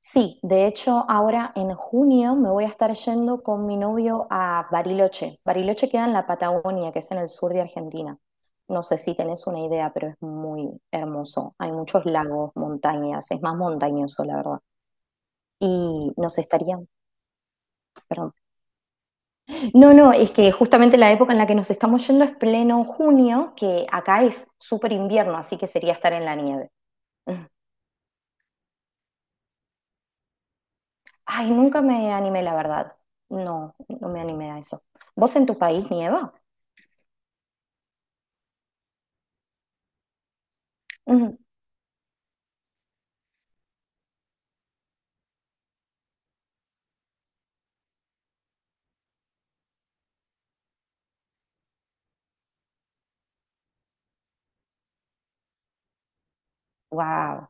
Sí, de hecho, ahora en junio me voy a estar yendo con mi novio a Bariloche. Bariloche queda en la Patagonia, que es en el sur de Argentina. No sé si tenés una idea, pero es muy hermoso. Hay muchos lagos, montañas, es más montañoso, la verdad. Y nos estarían, perdón. No, no, es que justamente la época en la que nos estamos yendo es pleno junio, que acá es súper invierno, así que sería estar en la nieve. Mm. Ay, nunca me animé, la verdad. No, no me animé a eso. ¿Vos en tu país nieva? Wow,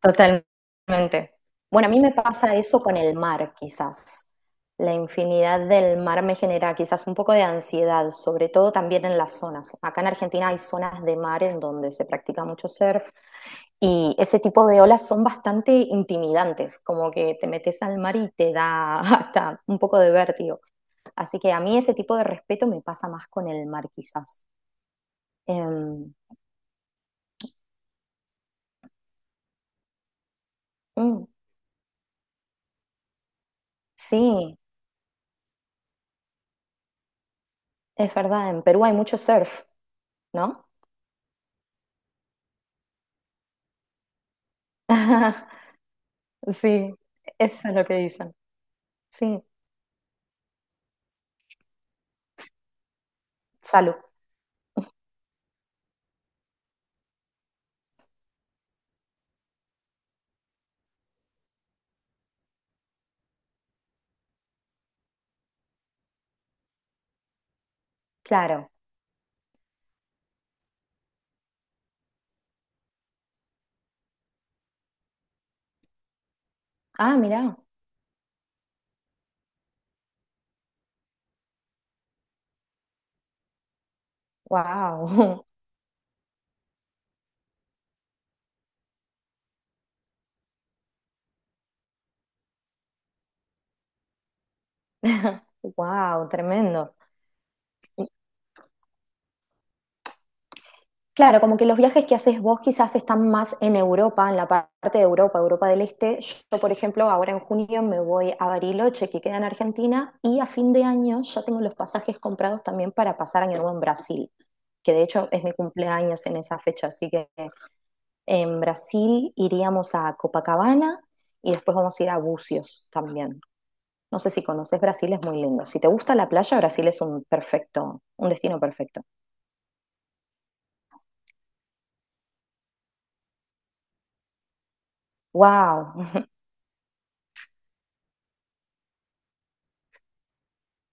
totalmente. Bueno, a mí me pasa eso con el mar, quizás. La infinidad del mar me genera quizás un poco de ansiedad, sobre todo también en las zonas. Acá en Argentina hay zonas de mar en donde se practica mucho surf y ese tipo de olas son bastante intimidantes, como que te metes al mar y te da hasta un poco de vértigo. Así que a mí ese tipo de respeto me pasa más con el mar, quizás. Em, mm, sí, es verdad, en Perú hay mucho surf. ¿No? Sí, eso es lo que dicen. Sí, salud, claro. Ah, mirá, wow, wow, tremendo. Claro, como que los viajes que haces vos quizás están más en Europa, en la parte de Europa, Europa del Este. Yo, por ejemplo, ahora en junio me voy a Bariloche, que queda en Argentina, y a fin de año ya tengo los pasajes comprados también para pasar año nuevo en Brasil, que de hecho es mi cumpleaños en esa fecha, así que en Brasil iríamos a Copacabana y después vamos a ir a Bucios también. No sé si conoces Brasil, es muy lindo. Si te gusta la playa, Brasil es un perfecto, un destino perfecto. Wow.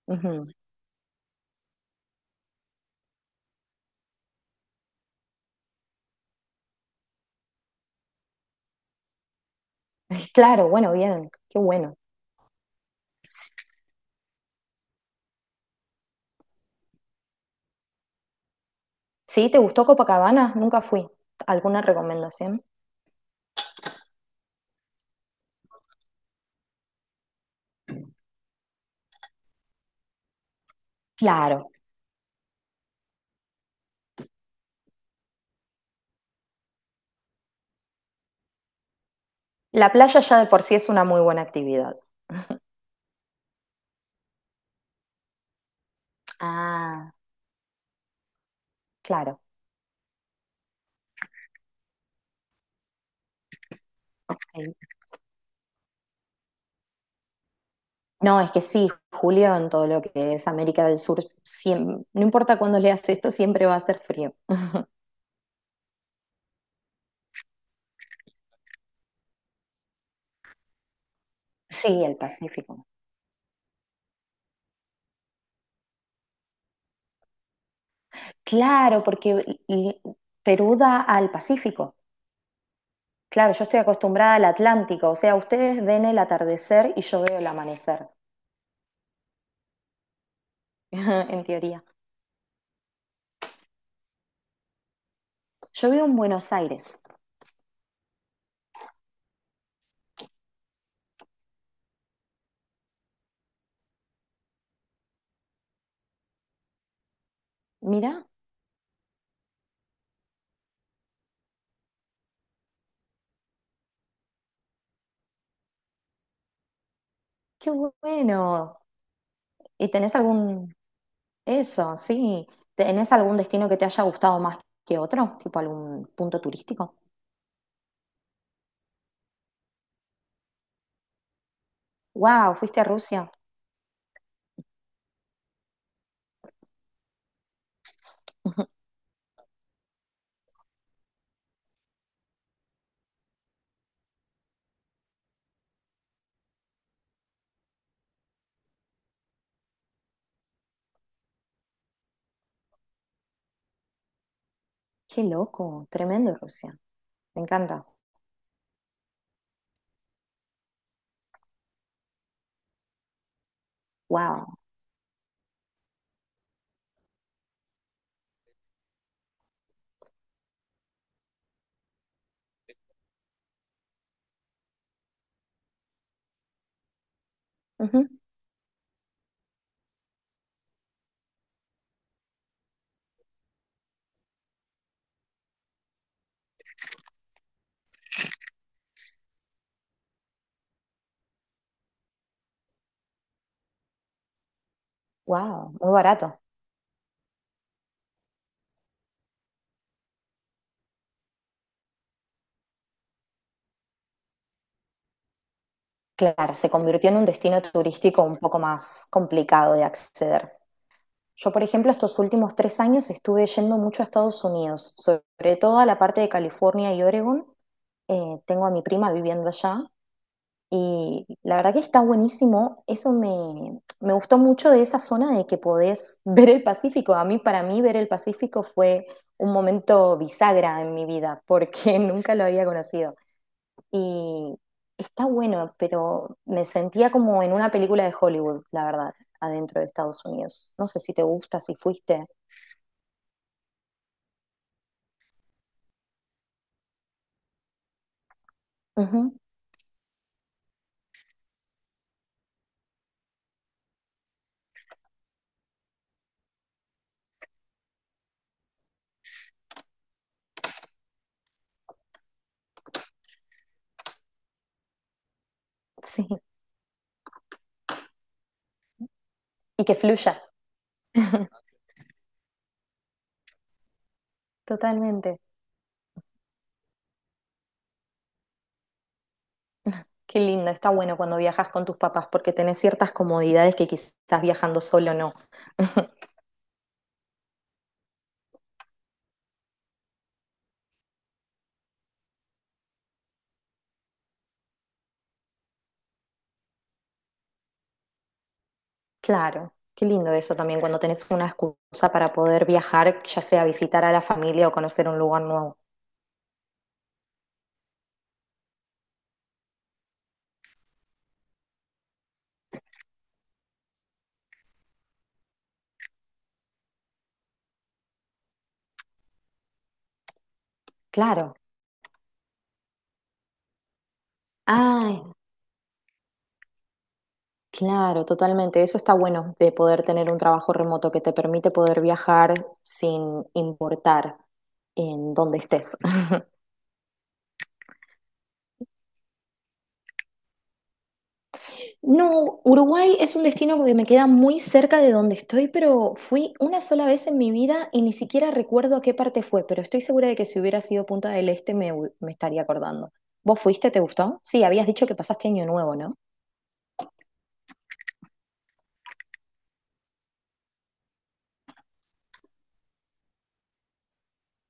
Claro, bueno, bien, qué bueno. ¿Sí? ¿Te gustó Copacabana? Nunca fui. ¿Alguna recomendación? Claro. La playa ya de por sí es una muy buena actividad. Ah, claro. No, es que sí, Julio, en todo lo que es América del Sur, no importa cuándo leas esto, siempre va a ser frío. Sí, el Pacífico. Claro, porque Perú da al Pacífico. Claro, yo estoy acostumbrada al Atlántico, o sea, ustedes ven el atardecer y yo veo el amanecer, en teoría. Yo vivo en Buenos Aires. Mirá, qué bueno. ¿Y tenés algún, eso, sí, tenés algún destino que te haya gustado más que otro? Tipo algún punto turístico. Wow, fuiste a Rusia. Ujú. Qué loco, tremendo Rusia. Me encanta. Wow. Wow, muy barato. Claro, se convirtió en un destino turístico un poco más complicado de acceder. Yo, por ejemplo, estos últimos 3 años estuve yendo mucho a Estados Unidos, sobre todo a la parte de California y Oregon. Tengo a mi prima viviendo allá. Y la verdad que está buenísimo. Eso me, me gustó mucho de esa zona de que podés ver el Pacífico. A mí, para mí, ver el Pacífico fue un momento bisagra en mi vida, porque nunca lo había conocido. Y está bueno, pero me sentía como en una película de Hollywood, la verdad, adentro de Estados Unidos. No sé si te gusta, si fuiste. Ujú, sí, y que fluya. Totalmente. Qué lindo, está bueno cuando viajas con tus papás porque tenés ciertas comodidades que quizás viajando solo no. Claro, qué lindo eso también cuando tenés una excusa para poder viajar, ya sea visitar a la familia o conocer un lugar nuevo. Claro. Ay, claro, totalmente. Eso está bueno de poder tener un trabajo remoto que te permite poder viajar sin importar en dónde estés. No, Uruguay es un destino que me queda muy cerca de donde estoy, pero fui una sola vez en mi vida y ni siquiera recuerdo a qué parte fue, pero estoy segura de que si hubiera sido Punta del Este me, me estaría acordando. ¿Vos fuiste? ¿Te gustó? Sí, habías dicho que pasaste Año Nuevo, ¿no?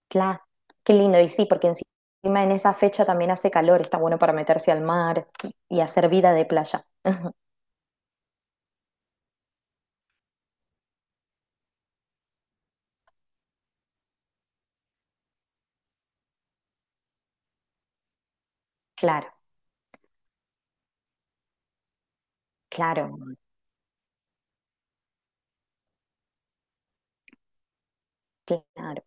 Claro, qué lindo. Y sí, porque encima en esa fecha también hace calor, está bueno para meterse al mar y hacer vida de playa. Claro, claro, claro.